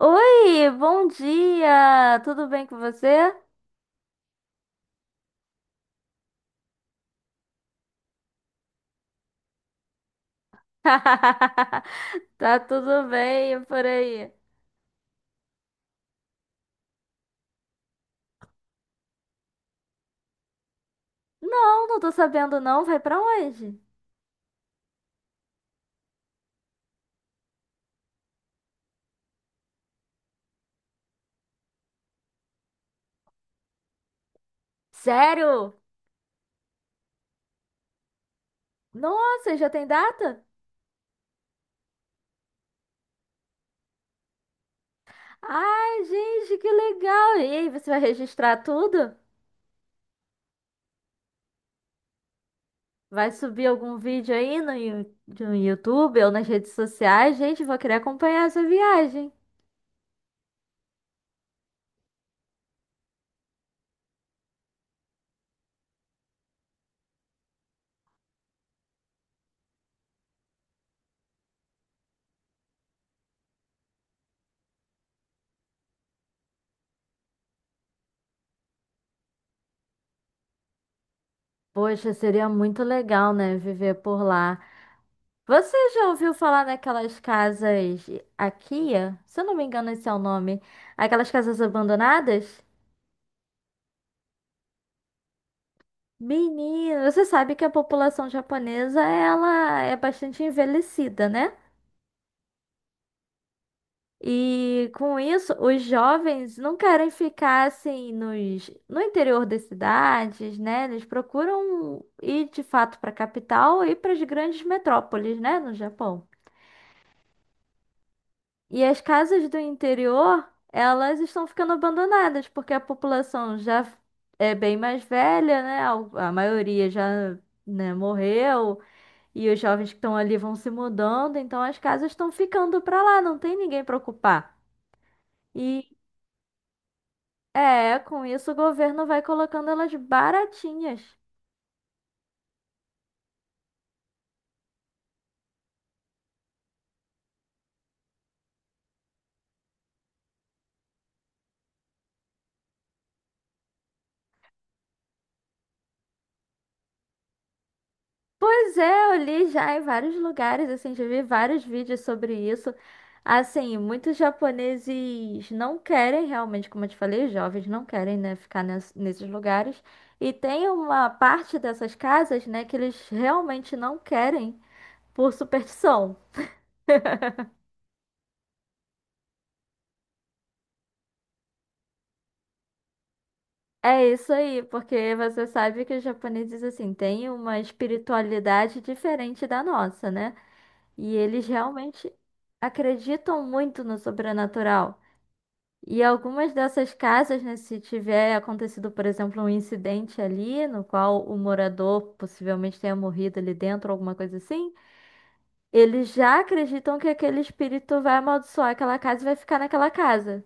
Oi, bom dia! Tudo bem com você? Tá tudo bem por aí? Não, não tô sabendo não. Vai pra onde? Sério? Nossa, já tem data? Ai, gente, que legal! E aí, você vai registrar tudo? Vai subir algum vídeo aí no, no YouTube ou nas redes sociais? Gente, vou querer acompanhar essa viagem. Poxa, seria muito legal, né? Viver por lá. Você já ouviu falar naquelas casas Akia? Se eu não me engano, esse é o nome. Aquelas casas abandonadas? Menino, você sabe que a população japonesa ela é bastante envelhecida, né? E com isso, os jovens não querem ficar assim no interior das cidades, né? Eles procuram ir de fato para a capital e para as grandes metrópoles, né, no Japão. E as casas do interior, elas estão ficando abandonadas, porque a população já é bem mais velha, né? A maioria já, né, morreu, e os jovens que estão ali vão se mudando, então as casas estão ficando para lá, não tem ninguém para ocupar. E é, com isso o governo vai colocando elas baratinhas. Pois é, eu li já em vários lugares, assim, já vi vários vídeos sobre isso. Assim, muitos japoneses não querem realmente, como eu te falei, os jovens não querem, né, ficar nesses lugares. E tem uma parte dessas casas, né, que eles realmente não querem por superstição. É isso aí, porque você sabe que os japoneses, assim, têm uma espiritualidade diferente da nossa, né? E eles realmente acreditam muito no sobrenatural. E algumas dessas casas, né, se tiver acontecido, por exemplo, um incidente ali, no qual o morador possivelmente tenha morrido ali dentro, alguma coisa assim, eles já acreditam que aquele espírito vai amaldiçoar aquela casa e vai ficar naquela casa.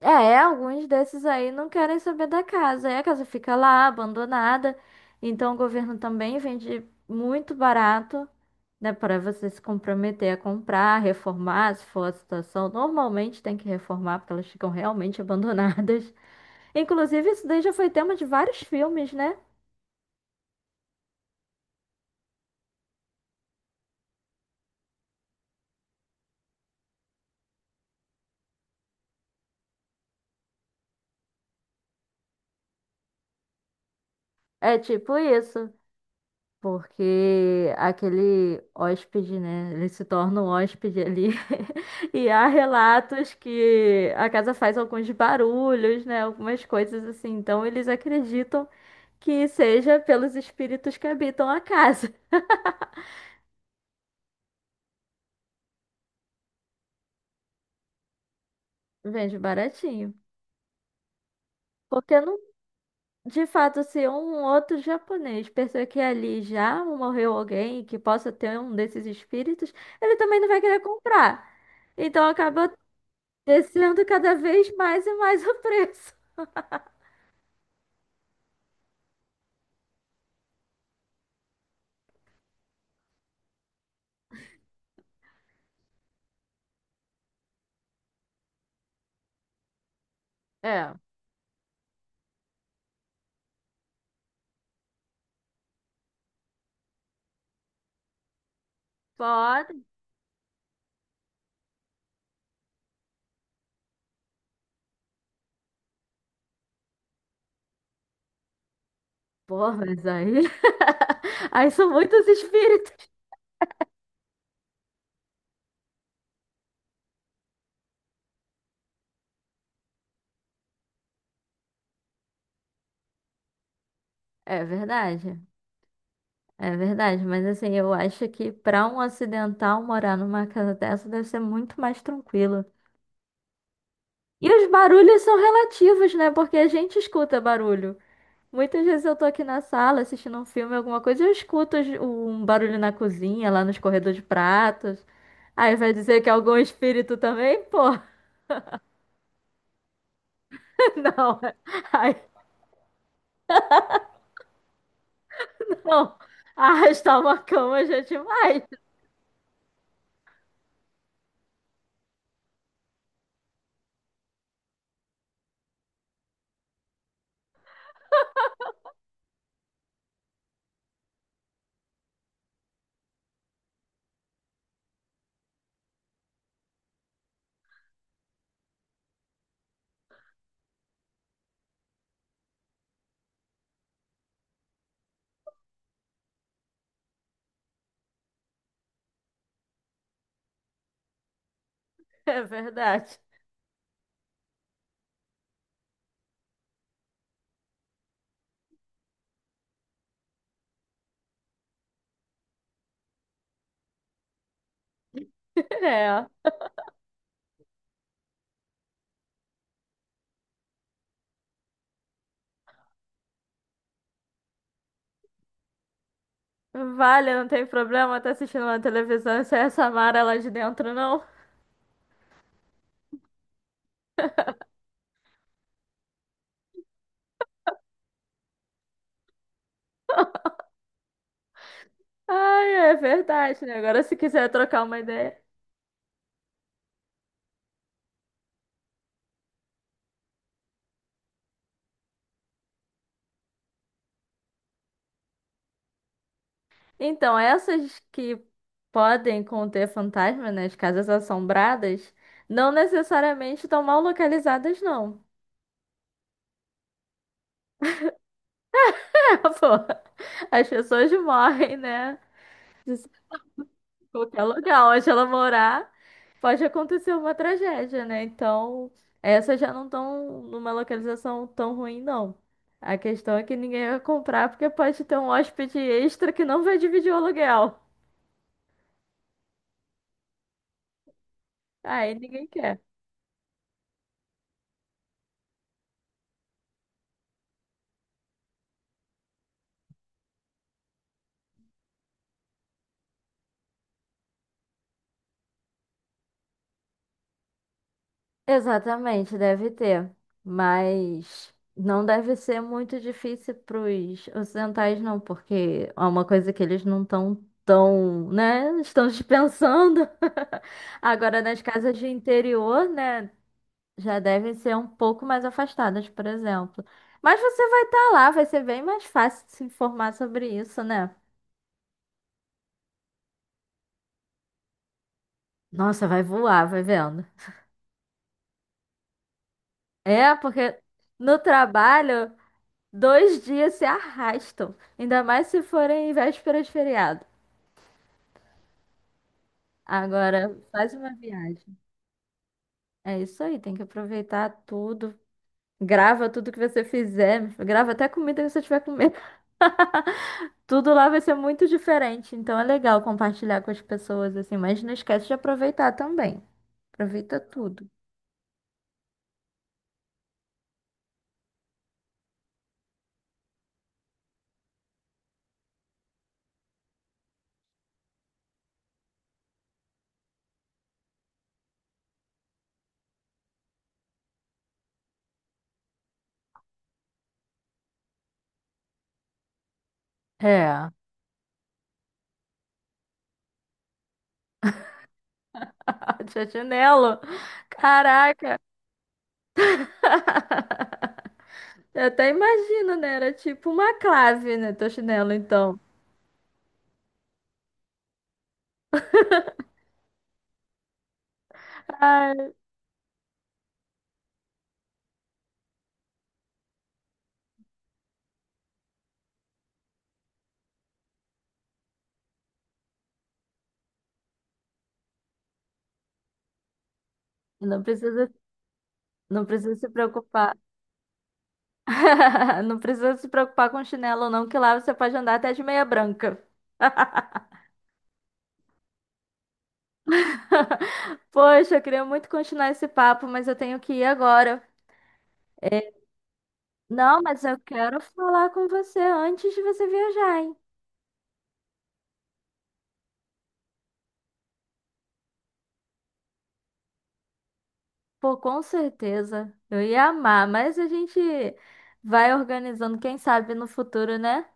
É, alguns desses aí não querem saber da casa. Aí a casa fica lá, abandonada. Então o governo também vende muito barato, né? Para você se comprometer a comprar, reformar, se for a situação. Normalmente tem que reformar, porque elas ficam realmente abandonadas. Inclusive, isso daí já foi tema de vários filmes, né? É tipo isso. Porque aquele hóspede, né? Ele se torna um hóspede ali. E há relatos que a casa faz alguns barulhos, né? Algumas coisas assim. Então eles acreditam que seja pelos espíritos que habitam a casa. Vende baratinho. Porque não, de fato, se um outro japonês perceber que ali já morreu alguém e que possa ter um desses espíritos, ele também não vai querer comprar. Então acaba descendo cada vez mais o preço. É, pode. Porra, mas aí. Aí são muitos espíritos. É verdade. É verdade. Mas assim, eu acho que pra um ocidental morar numa casa dessa deve ser muito mais tranquilo. E os barulhos são relativos, né? Porque a gente escuta barulho. Muitas vezes eu tô aqui na sala assistindo um filme, alguma coisa, e eu escuto um barulho na cozinha, lá nos corredores de pratos. Aí vai dizer que é algum espírito também, pô. Não, aí não. Arrastar uma cama já é demais. É verdade. É. Vale, não tem problema tá assistindo uma televisão sem essa Mara lá de dentro, não. Ai, é verdade, né? Agora, se quiser trocar uma ideia. Então, essas que podem conter fantasma nas casas assombradas, não necessariamente estão mal localizadas, não. É, pô, as pessoas morrem, né? Qualquer lugar onde ela morar, pode acontecer uma tragédia, né? Então, essas já não estão numa localização tão ruim, não. A questão é que ninguém vai comprar porque pode ter um hóspede extra que não vai dividir o aluguel. Aí ninguém quer. Exatamente, deve ter. Mas não deve ser muito difícil para os ocidentais, não, porque é uma coisa que eles não estão tão, né? Estão dispensando. Agora, nas casas de interior, né? Já devem ser um pouco mais afastadas, por exemplo. Mas você vai estar lá, vai ser bem mais fácil de se informar sobre isso, né? Nossa, vai voar, vai vendo. É, porque no trabalho, 2 dias se arrastam. Ainda mais se forem em véspera de feriado. Agora, faz uma viagem. É isso aí, tem que aproveitar tudo. Grava tudo que você fizer. Grava até a comida que você tiver comendo. Tudo lá vai ser muito diferente, então é legal compartilhar com as pessoas assim, mas não esquece de aproveitar também. Aproveita tudo. É. Tia Chinelo, caraca, eu até imagino, né? Era tipo uma clave, né? Tia Chinelo, então. Ai, não precisa, não precisa se preocupar. Não precisa se preocupar com chinelo, não, que lá você pode andar até de meia branca. Poxa, eu queria muito continuar esse papo, mas eu tenho que ir agora. É. Não, mas eu quero falar com você antes de você viajar, hein? Pô, com certeza. Eu ia amar, mas a gente vai organizando, quem sabe no futuro, né?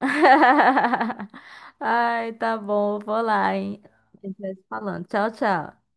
Ai, tá bom, eu vou lá, hein? A gente vai se falando. Tchau, tchau.